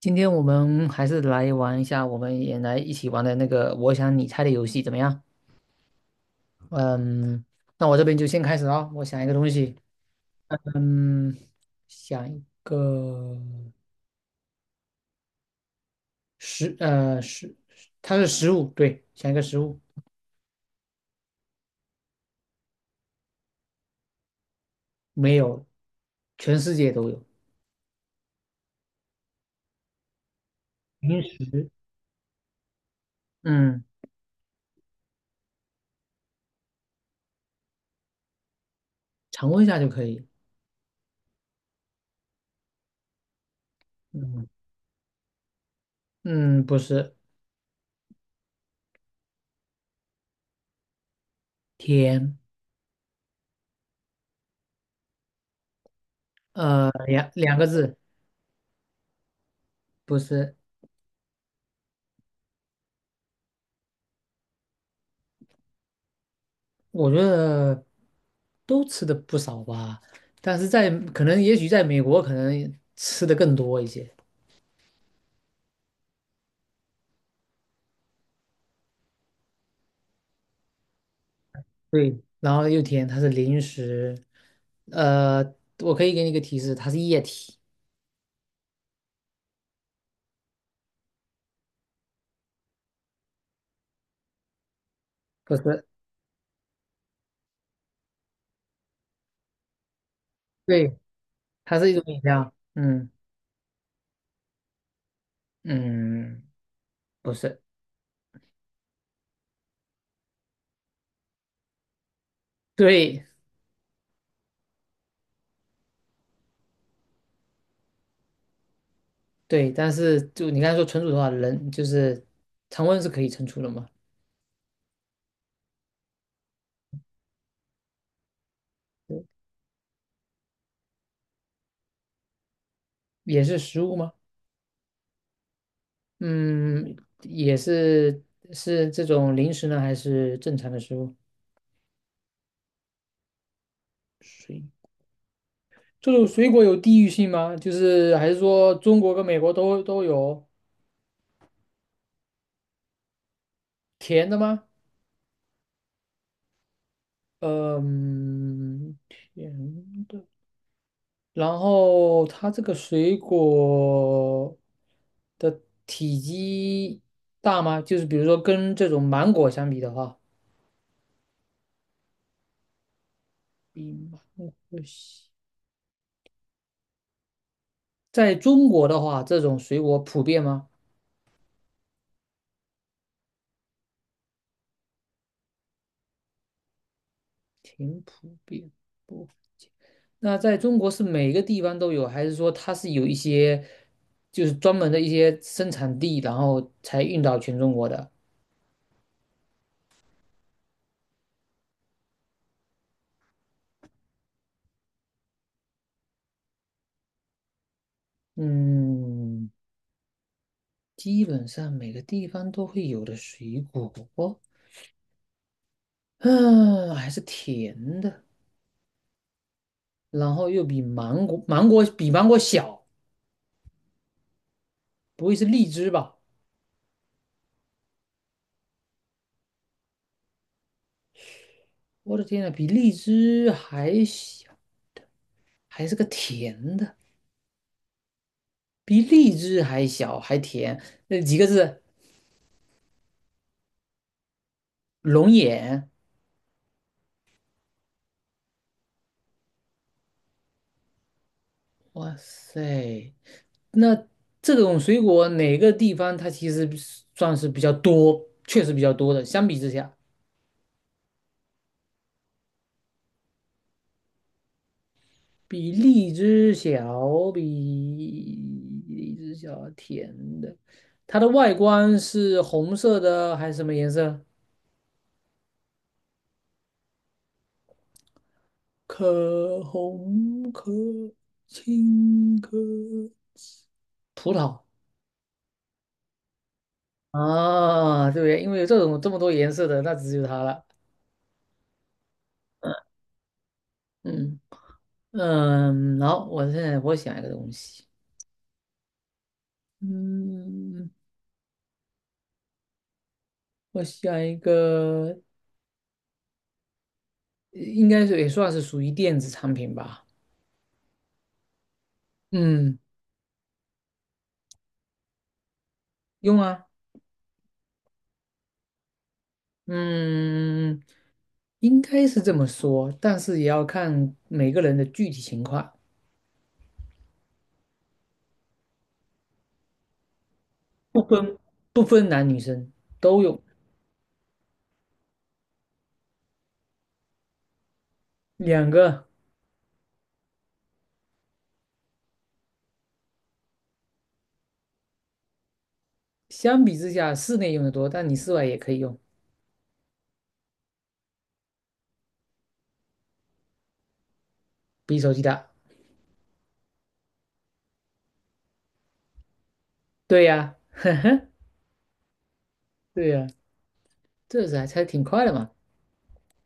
今天我们还是来玩一下，我们也来一起玩的那个我想你猜的游戏怎么样？嗯，那我这边就先开始啊，我想一个东西。嗯，想一个食，它是食物，对，想一个食物。没有，全世界都有。零食。嗯，常温下就可以。嗯。嗯，不是。甜。两个字，不是。我觉得都吃的不少吧，但是在可能也许在美国可能吃的更多一些。对，然后又甜，它是零食。呃，我可以给你一个提示，它是液体。不是。对，它是一种饮料。嗯。嗯，不是。对。对，但是就你刚才说存储的话，人就是常温是可以存储的嘛。也是食物吗？嗯，也是。是这种零食呢，还是正常的食物？水。这种水果有地域性吗？就是还是说中国跟美国都有。甜的吗？嗯，甜的。然后它这个水果的体积大吗？就是比如说跟这种芒果相比的话。比芒果小。在中国的话，这种水果普遍吗？挺普遍。不。那在中国是每个地方都有，还是说它是有一些？就是专门的一些生产地，然后才运到全中国的。嗯，基本上每个地方都会有的水果。嗯，还是甜的，然后又比芒果，芒果比芒果小。不会是荔枝吧？我的天呐，比荔枝还小，还是个甜的。比荔枝还小还甜，那几个字？龙眼。哇塞，那这种水果哪个地方它其实是算是比较多，确实比较多的。相比之下，比荔枝小，比荔枝小甜的。它的外观是红色的还是什么颜色？可红可青可葡萄啊，对不对？因为有这种这么多颜色的，那只有它了。嗯。嗯，好，我现在我想一个东西。嗯，我想一个，应该是也算是属于电子产品吧。嗯，用啊。嗯，应该是这么说，但是也要看每个人的具体情况。不分不分男女生都用。两个。相比之下，室内用的多，但你室外也可以用。比手机大。对呀，对呀，这是还才挺快的嘛。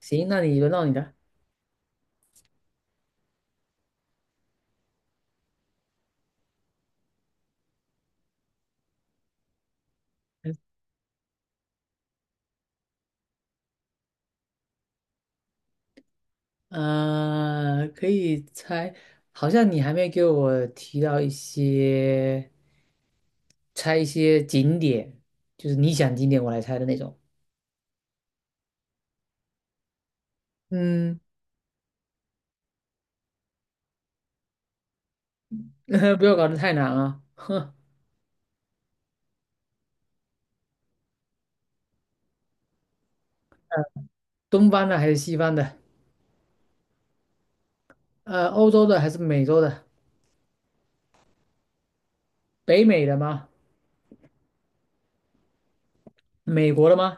行，那你轮到你的。可以猜，好像你还没给我提到一些猜一些景点，就是你想景点我来猜的那种。嗯。不要搞得太难啊。东方的还是西方的？欧洲的还是美洲的？北美的吗？美国的吗？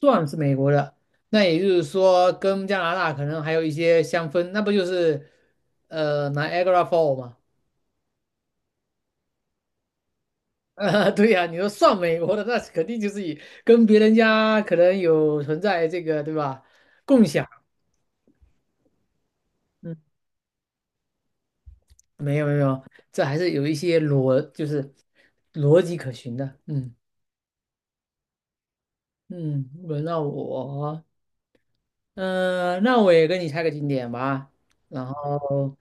算是美国的。那也就是说，跟加拿大可能还有一些相分，那不就是拿 i a g r a Fall 吗？对呀、你说算美国的，那肯定就是以跟别人家可能有存在这个，对吧？共享。嗯，没有，这还是有一些逻，就是逻辑可循的。嗯。嗯。轮到我，那我也跟你猜个景点吧。然后，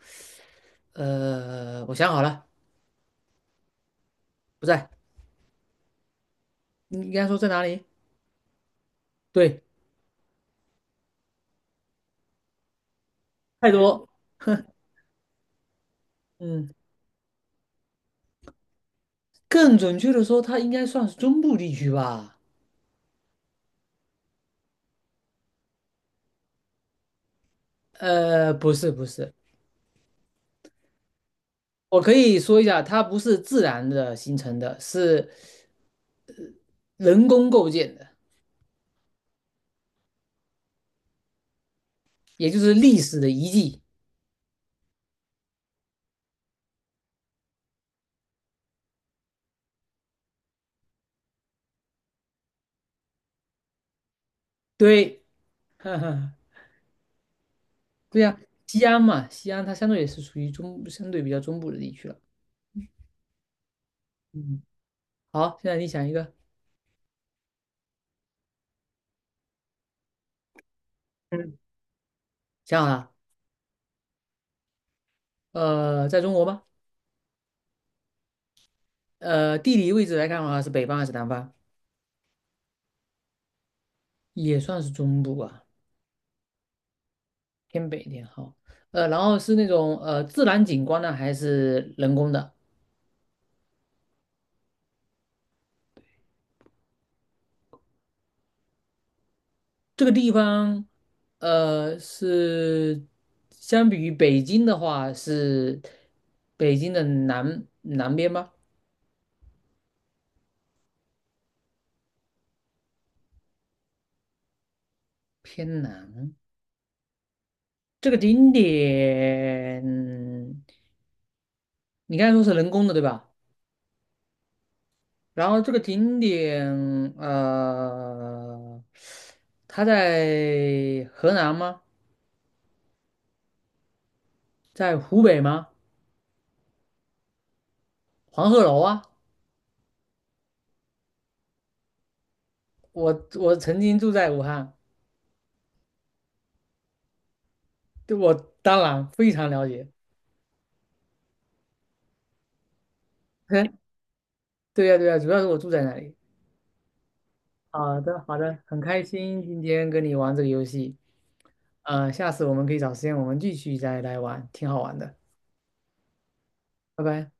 我想好了。不在。你应该说在哪里？对。泰多，嗯，更准确的说，它应该算是中部地区吧。不是，我可以说一下，它不是自然的形成的，是人工构建的，也就是历史的遗迹。对，哈哈，对呀、西安嘛，西安它相对也是属于中，相对比较中部的地区了。嗯，好，现在你想一个。嗯，想好了？在中国吗？地理位置来看的话，是北方还是南方？也算是中部吧，偏北一点。好，然后是那种自然景观呢，还是人工的？这个地方，是相比于北京的话，是北京的南边吗？偏南。这个景点，你刚才说是人工的，对吧？然后这个景点，呃，它在河南吗？在湖北吗？黄鹤楼啊，我曾经住在武汉。对，我当然非常了解。对呀，对呀，主要是我住在那里。好的，好的，很开心今天跟你玩这个游戏。下次我们可以找时间我们继续再来玩，挺好玩的。拜拜。